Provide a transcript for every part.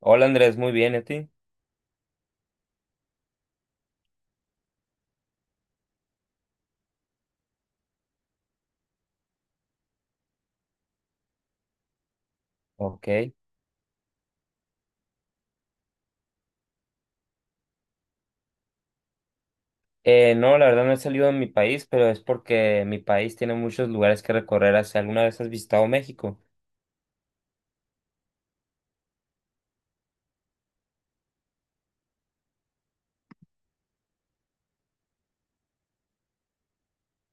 Hola Andrés, muy bien, ¿y a ti? Ok. No, la verdad no he salido de mi país, pero es porque mi país tiene muchos lugares que recorrer. ¿Hacia alguna vez has visitado México?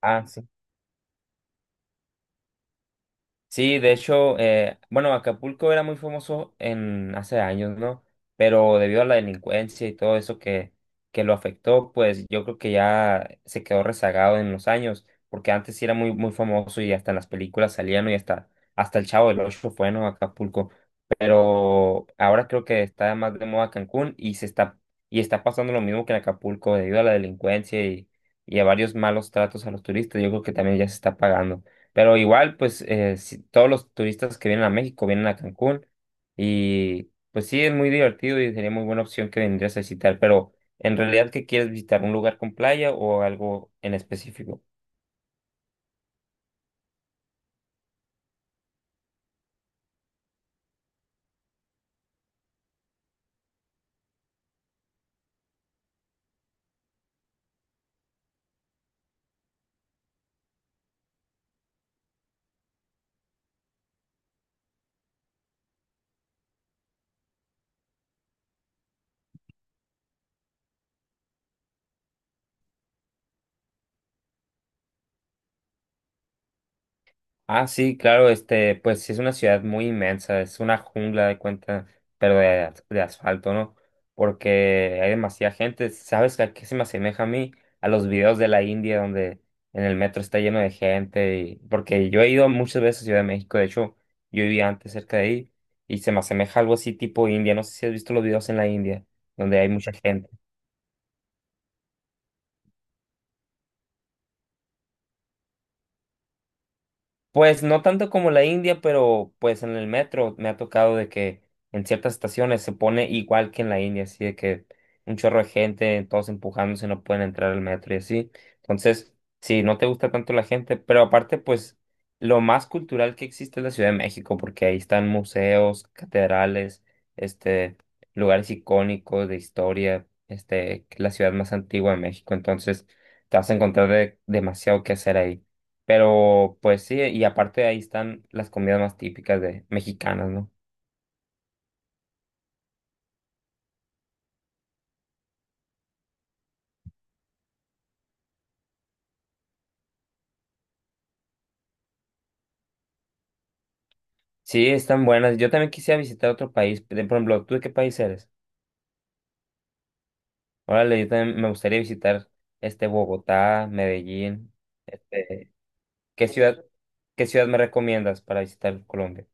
Ah, sí. Sí, de hecho, bueno, Acapulco era muy famoso en hace años, ¿no? Pero debido a la delincuencia y todo eso que lo afectó, pues yo creo que ya se quedó rezagado en los años, porque antes sí era muy, muy famoso y hasta en las películas salían, ¿no? Y hasta, hasta el Chavo del Ocho fue, ¿no?, Acapulco. Pero ahora creo que está más de moda Cancún y se y está pasando lo mismo que en Acapulco debido a la delincuencia y a varios malos tratos a los turistas, yo creo que también ya se está pagando. Pero igual, pues todos los turistas que vienen a México vienen a Cancún y pues sí, es muy divertido y sería muy buena opción que vendrías a visitar, pero en realidad, ¿qué quieres visitar? ¿Un lugar con playa o algo en específico? Ah, sí, claro, este, pues sí es una ciudad muy inmensa, es una jungla de cuenta, pero de asfalto, ¿no? Porque hay demasiada gente. ¿Sabes a qué se me asemeja a mí? A los videos de la India donde en el metro está lleno de gente. Porque yo he ido muchas veces a Ciudad de México, de hecho, yo vivía antes cerca de ahí y se me asemeja a algo así tipo India. No sé si has visto los videos en la India, donde hay mucha gente. Pues no tanto como la India, pero pues en el metro me ha tocado de que en ciertas estaciones se pone igual que en la India, así de que un chorro de gente, todos empujándose, no pueden entrar al metro y así. Entonces, sí, no te gusta tanto la gente, pero aparte, pues lo más cultural que existe es la Ciudad de México, porque ahí están museos, catedrales, este, lugares icónicos de historia, este, que es la ciudad más antigua de México, entonces te vas a encontrar demasiado que hacer ahí. Pero pues sí, y aparte ahí están las comidas más típicas de mexicanas, ¿no? Sí, están buenas. Yo también quisiera visitar otro país. Por ejemplo, ¿tú de qué país eres? Órale, yo también me gustaría visitar este Bogotá, Medellín. Este, ¿qué ciudad, ¿qué ciudad me recomiendas para visitar Colombia?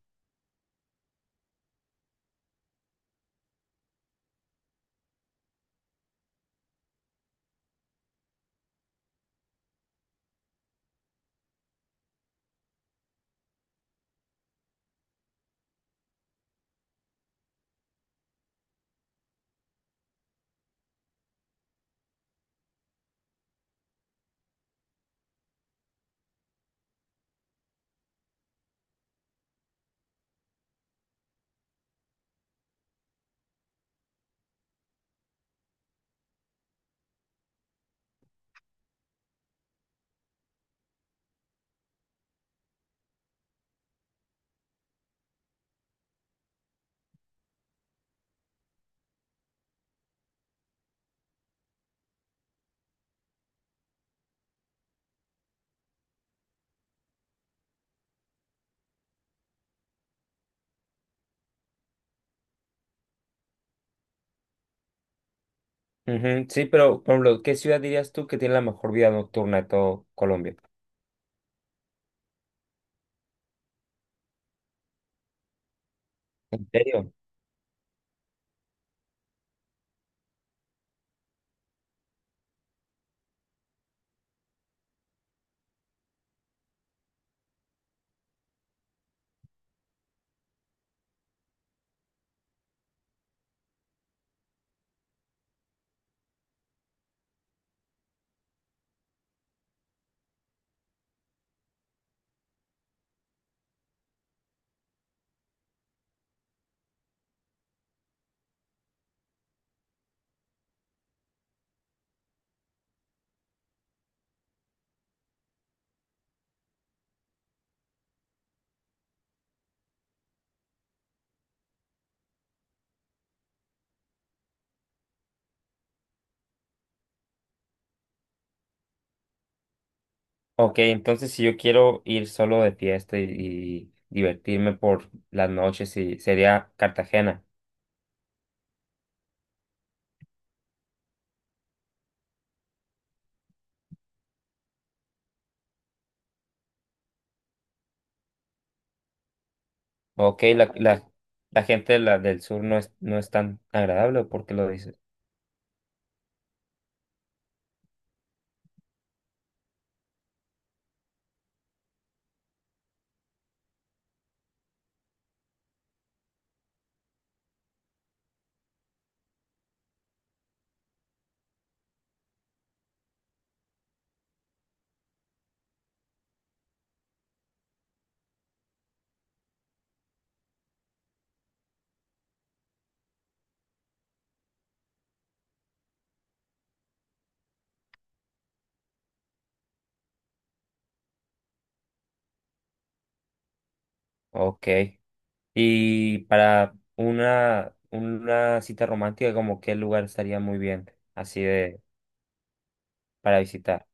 Ujú. Sí, pero por ejemplo, ¿qué ciudad dirías tú que tiene la mejor vida nocturna de todo Colombia? ¿En serio? Ok, entonces si yo quiero ir solo de fiesta y divertirme por las noches, sí, sería Cartagena. Ok, la gente de la del sur no es tan agradable, ¿por qué lo dices? Ok. Y para una cita romántica, como qué lugar estaría muy bien, así de, para visitar.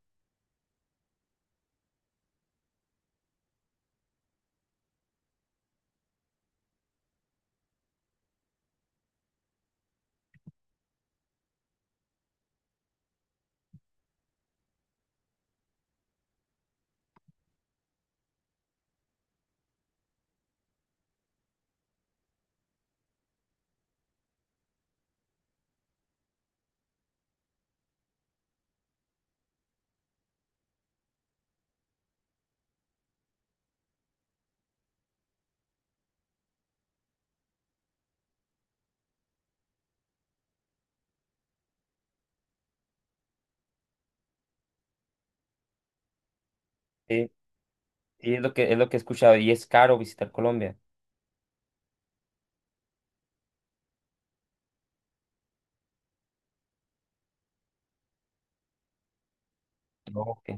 Sí, y es es lo que he escuchado, y es caro visitar Colombia. Ok,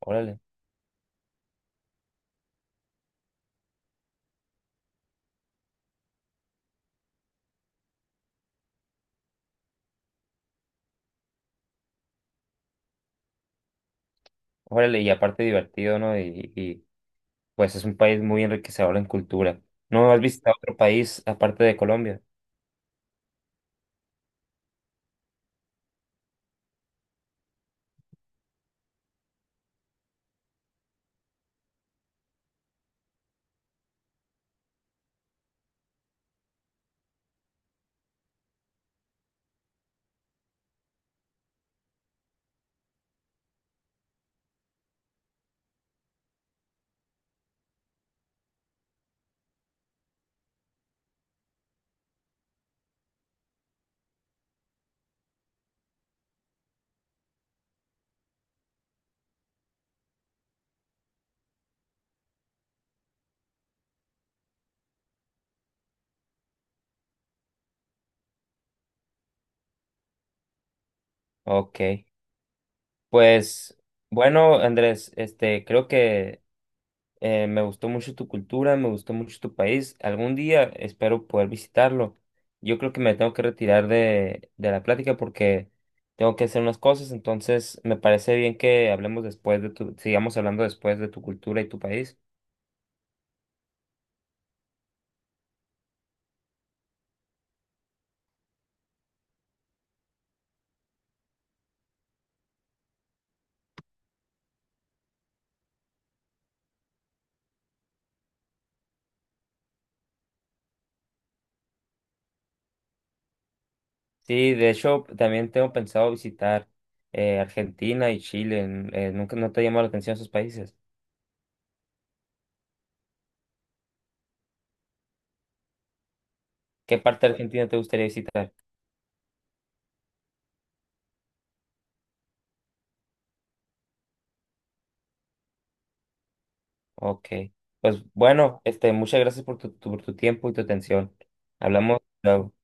órale, y aparte divertido, ¿no? Y pues es un país muy enriquecedor en cultura. ¿No has visitado otro país aparte de Colombia? Ok. Pues bueno, Andrés, este, creo que me gustó mucho tu cultura, me gustó mucho tu país. Algún día espero poder visitarlo. Yo creo que me tengo que retirar de la plática porque tengo que hacer unas cosas, entonces me parece bien que hablemos después de tu, sigamos hablando después de tu cultura y tu país. Sí, de hecho, también tengo pensado visitar Argentina y Chile. Nunca no te llamó la atención esos países. ¿Qué parte de Argentina te gustaría visitar? Ok. Pues bueno, este, muchas gracias por tu, por tu tiempo y tu atención. Hablamos luego.